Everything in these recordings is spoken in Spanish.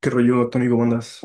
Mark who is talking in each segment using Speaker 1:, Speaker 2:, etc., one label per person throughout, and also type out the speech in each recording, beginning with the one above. Speaker 1: ¿Qué rollo, Tony? ¿Cómo andas?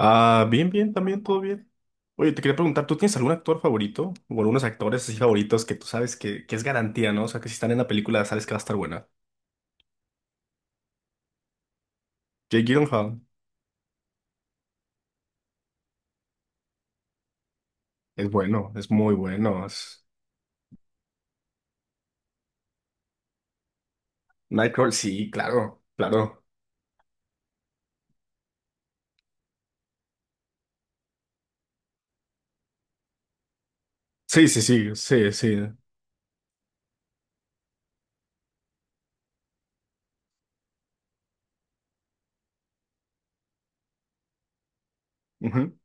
Speaker 1: Ah, bien, bien, también todo bien. Oye, te quería preguntar, ¿tú tienes algún actor favorito o algunos actores así favoritos que tú sabes que es garantía, no? O sea, que si están en la película sabes que va a estar buena. Jake Gyllenhaal es bueno, es muy bueno. Nightcrawler, sí, claro, claro. Sí, sí, sí, sí, sí. Ujú.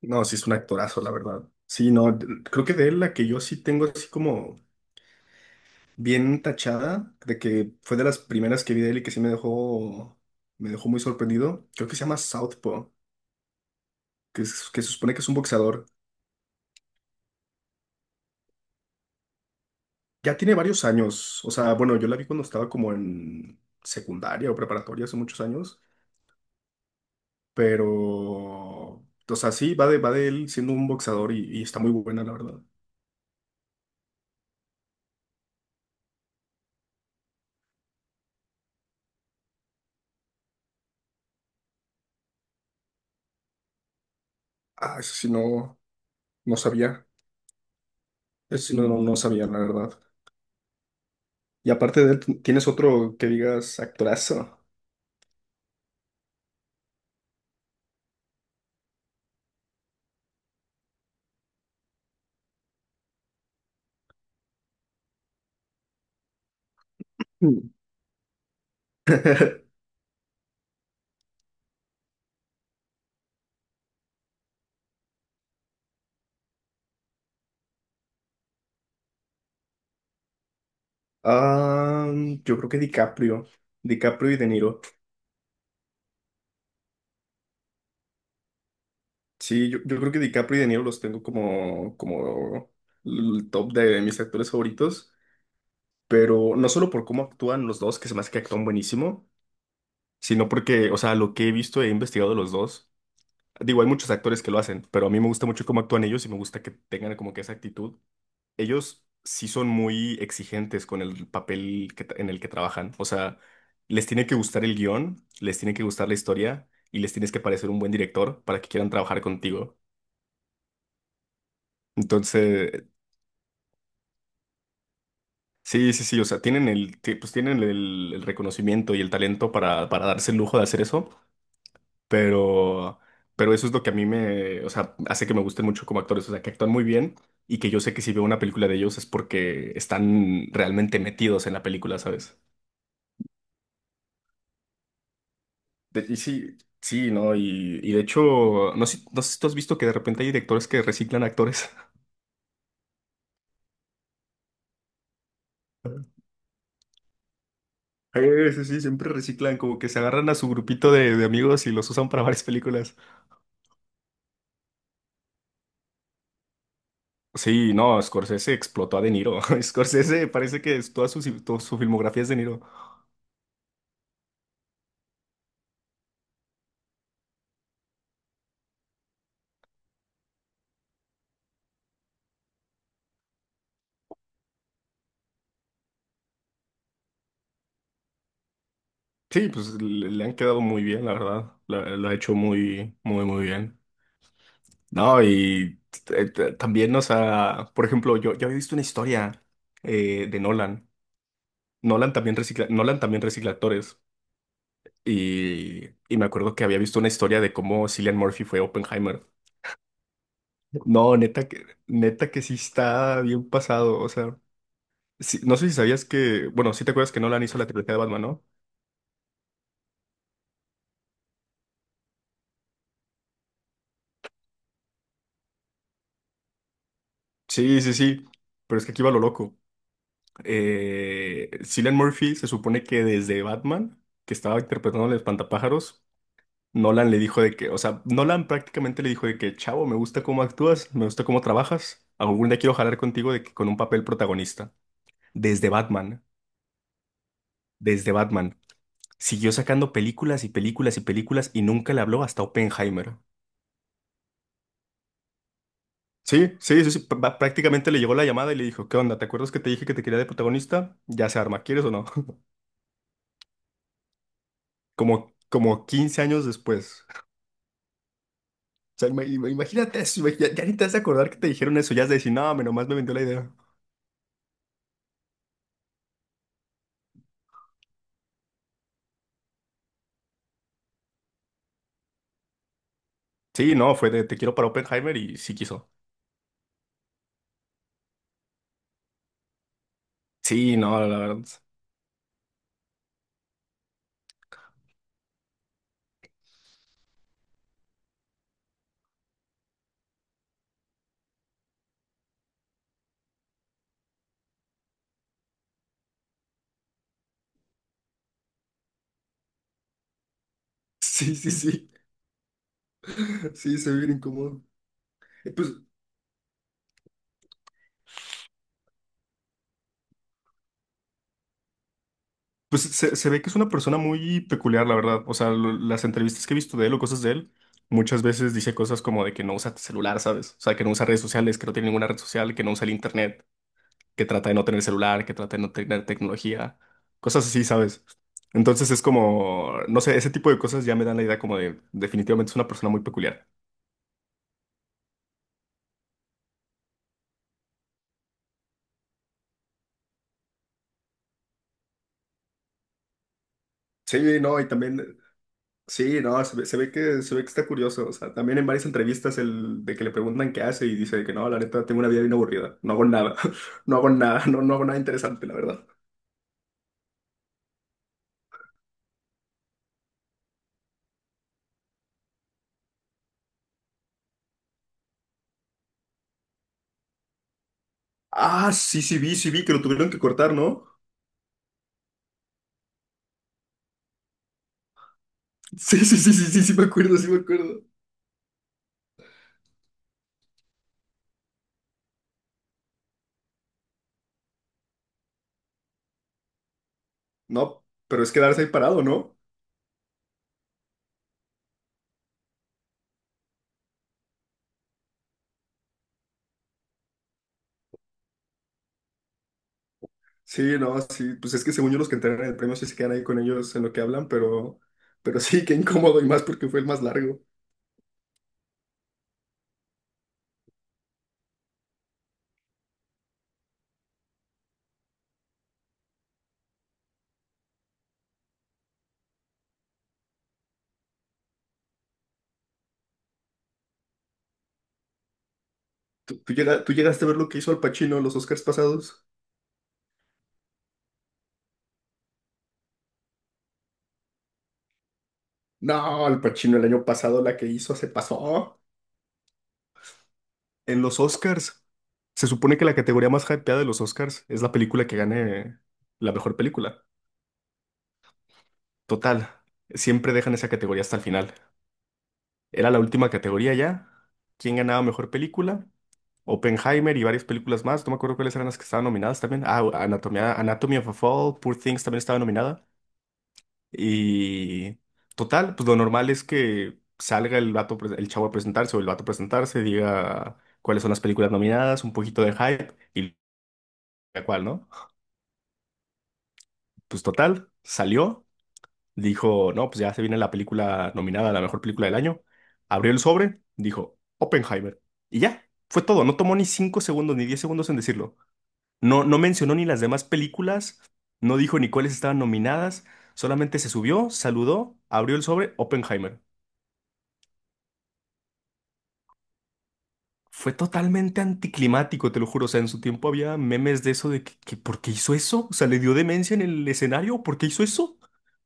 Speaker 1: No, sí es un actorazo, la verdad. Sí, no, creo que de él la que yo sí tengo así como bien tachada, de que fue de las primeras que vi de él y que sí me dejó muy sorprendido. Creo que se llama Southpaw, que se supone que es un boxeador. Ya tiene varios años, o sea, bueno, yo la vi cuando estaba como en secundaria o preparatoria hace muchos años, pero, o sea, sí, va de él siendo un boxeador y está muy buena, la verdad. Ah, eso sí no, no sabía, eso sí no, no, no sabía, la verdad. Y aparte de él, ¿tienes otro que digas actorazo? Mm. Ah, yo creo que DiCaprio. DiCaprio y De Niro. Sí, yo creo que DiCaprio y De Niro los tengo como el top de mis actores favoritos, pero no solo por cómo actúan los dos, que se me hace que actúan buenísimo, sino porque, o sea, lo que he visto e investigado de los dos, digo, hay muchos actores que lo hacen, pero a mí me gusta mucho cómo actúan ellos y me gusta que tengan como que esa actitud. Ellos sí son muy exigentes con el papel que en el que trabajan. O sea, les tiene que gustar el guión, les tiene que gustar la historia y les tienes que parecer un buen director para que quieran trabajar contigo. Entonces, sí, sí, sí, o sea, tienen el reconocimiento y el talento para darse el lujo de hacer eso, pero, pero eso es lo que a mí me, o sea, hace que me gusten mucho como actores, o sea, que actúan muy bien y que yo sé que si veo una película de ellos es porque están realmente metidos en la película, ¿sabes? Y sí, sí, ¿no? Y de hecho, no sé, no sé si tú has visto que de repente hay directores que reciclan actores. Sí, sí, siempre reciclan, como que se agarran a su grupito de amigos y los usan para varias películas. Sí, no, Scorsese explotó a De Niro. Scorsese parece que toda su filmografía es De Niro. Sí, pues le han quedado muy bien, la verdad. Ha hecho muy, muy, muy bien. No, y también, o sea, por ejemplo, yo había visto una historia de Nolan. Nolan también recicla actores. Y me acuerdo que había visto una historia de cómo Cillian Murphy fue Oppenheimer. No, neta que sí está bien pasado. O sea, no sé si sabías que, bueno, sí te acuerdas que Nolan hizo la trilogía de Batman, ¿no? Sí, sí, sí. Pero es que aquí va lo loco. Cillian Murphy se supone que desde Batman, que estaba interpretando el espantapájaros, Nolan le dijo de que, o sea, Nolan prácticamente le dijo de que, chavo, me gusta cómo actúas, me gusta cómo trabajas. Algún día quiero jalar contigo de que con un papel protagonista. Desde Batman. Desde Batman. Siguió sacando películas y películas y películas y nunca le habló hasta Oppenheimer. Sí, sí, sí, sí, prácticamente le llegó la llamada y le dijo, ¿qué onda? ¿Te acuerdas que te dije que te quería de protagonista? Ya se arma, ¿quieres o no? Como 15 años después. O sea, imagínate eso, ya ni te vas a acordar que te dijeron eso, ya has de decir, no, me nomás me vendió la idea. Sí, no, fue de te quiero para Oppenheimer y sí quiso. Sí, no, la verdad. Sí, sí, sí. Sí, se ve bien incómodo. Eh, Pues Pues se ve que es una persona muy peculiar, la verdad. O sea, las entrevistas que he visto de él o cosas de él, muchas veces dice cosas como de que no usa celular, ¿sabes? O sea, que no usa redes sociales, que no tiene ninguna red social, que no usa el internet, que trata de no tener celular, que trata de no tener tecnología, cosas así, ¿sabes? Entonces es como, no sé, ese tipo de cosas ya me dan la idea como de definitivamente es una persona muy peculiar. Sí, no, y también. Sí, no, se ve que está curioso. O sea, también en varias entrevistas el de que le preguntan qué hace y dice de que no, la neta, tengo una vida bien aburrida. No hago nada. No hago nada. No, no hago nada interesante, la verdad. Ah, sí, sí vi que lo tuvieron que cortar, ¿no? Sí, sí, sí, sí, sí, sí me acuerdo, sí me acuerdo. No, pero es quedarse ahí parado, ¿no? Sí, no, sí, pues es que según yo los que entregan el premio sí se quedan ahí con ellos en lo que hablan, pero sí, qué incómodo y más porque fue el más largo. ¿Tú llegaste a ver lo que hizo Al Pacino en los Oscars pasados? No, Al Pacino el año pasado la que hizo se pasó. En los Oscars. Se supone que la categoría más hypeada de los Oscars es la película que gane la mejor película. Total, siempre dejan esa categoría hasta el final. Era la última categoría ya. ¿Quién ganaba mejor película? Oppenheimer y varias películas más. No me acuerdo cuáles eran las que estaban nominadas también. Ah, Anatomy of a Fall, Poor Things también estaba nominada. Y total, pues lo normal es que salga el vato, el chavo a presentarse o el vato a presentarse, diga cuáles son las películas nominadas, un poquito de hype y la cual, ¿no? Pues total, salió, dijo, no, pues ya se viene la película nominada a la mejor película del año. Abrió el sobre, dijo, Oppenheimer. Y ya, fue todo. No tomó ni 5 segundos ni 10 segundos en decirlo. No, no mencionó ni las demás películas, no dijo ni cuáles estaban nominadas, solamente se subió, saludó, abrió el sobre, Oppenheimer. Fue totalmente anticlimático, te lo juro. O sea, en su tiempo había memes de eso de que ¿por qué hizo eso? O sea, ¿le dio demencia en el escenario? ¿Por qué hizo eso?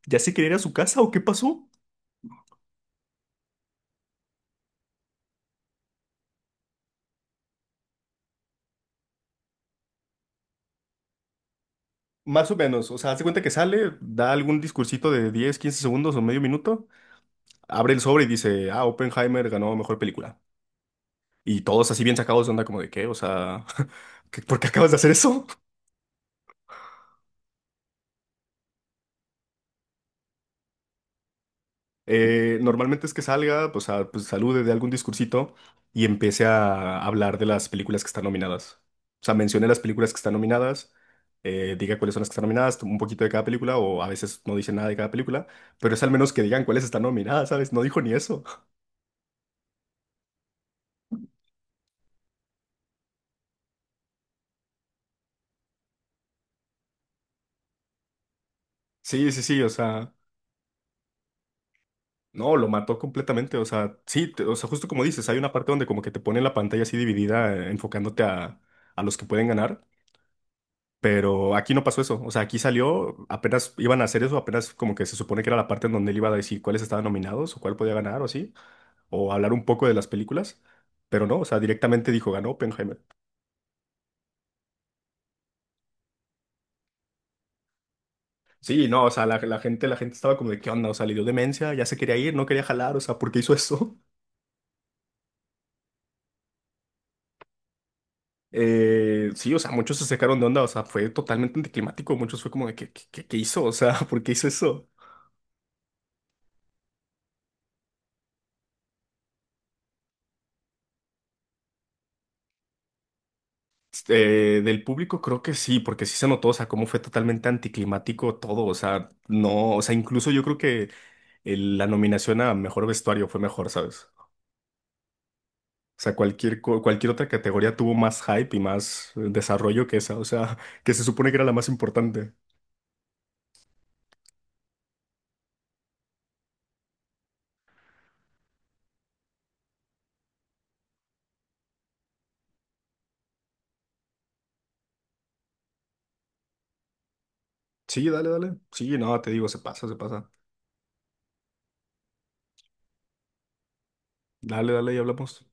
Speaker 1: ¿Ya se quería ir a su casa o qué pasó? Más o menos, o sea, hace cuenta que sale, da algún discursito de 10, 15 segundos o medio minuto, abre el sobre y dice, ah, Oppenheimer ganó mejor película. Y todos así bien sacados de onda como de qué, o sea, ¿por qué acabas de hacer eso? Normalmente es que salga, pues, salude de algún discursito y empiece a hablar de las películas que están nominadas. O sea, mencione las películas que están nominadas, diga cuáles son las que están nominadas, un poquito de cada película o a veces no dice nada de cada película, pero es al menos que digan cuáles están nominadas, ¿sabes? No dijo ni eso. Sí, sí, sí, o sea, no, lo mató completamente, o sea, sí, o sea, justo como dices, hay una parte donde como que te pone la pantalla así dividida, enfocándote a, los que pueden ganar. Pero aquí no pasó eso. O sea, aquí salió, apenas iban a hacer eso, apenas como que se supone que era la parte en donde él iba a decir cuáles estaban nominados o cuál podía ganar o así, o hablar un poco de las películas. Pero no, o sea, directamente dijo, ganó Oppenheimer. Sí, no, o sea, la gente estaba como de, ¿qué onda? O sea, le dio demencia, ya se quería ir, no quería jalar, o sea, ¿por qué hizo eso? Sí, o sea, muchos se sacaron de onda, o sea, fue totalmente anticlimático, muchos fue como de, ¿qué hizo? O sea, ¿por qué hizo eso? Del público creo que sí, porque sí se notó, o sea, cómo fue totalmente anticlimático todo, o sea, no, o sea, incluso yo creo que la nominación a mejor vestuario fue mejor, ¿sabes? O sea, cualquier otra categoría tuvo más hype y más desarrollo que esa, o sea, que se supone que era la más importante. Sí, dale, dale. Sí, no, te digo, se pasa, se pasa. Dale, dale y hablamos.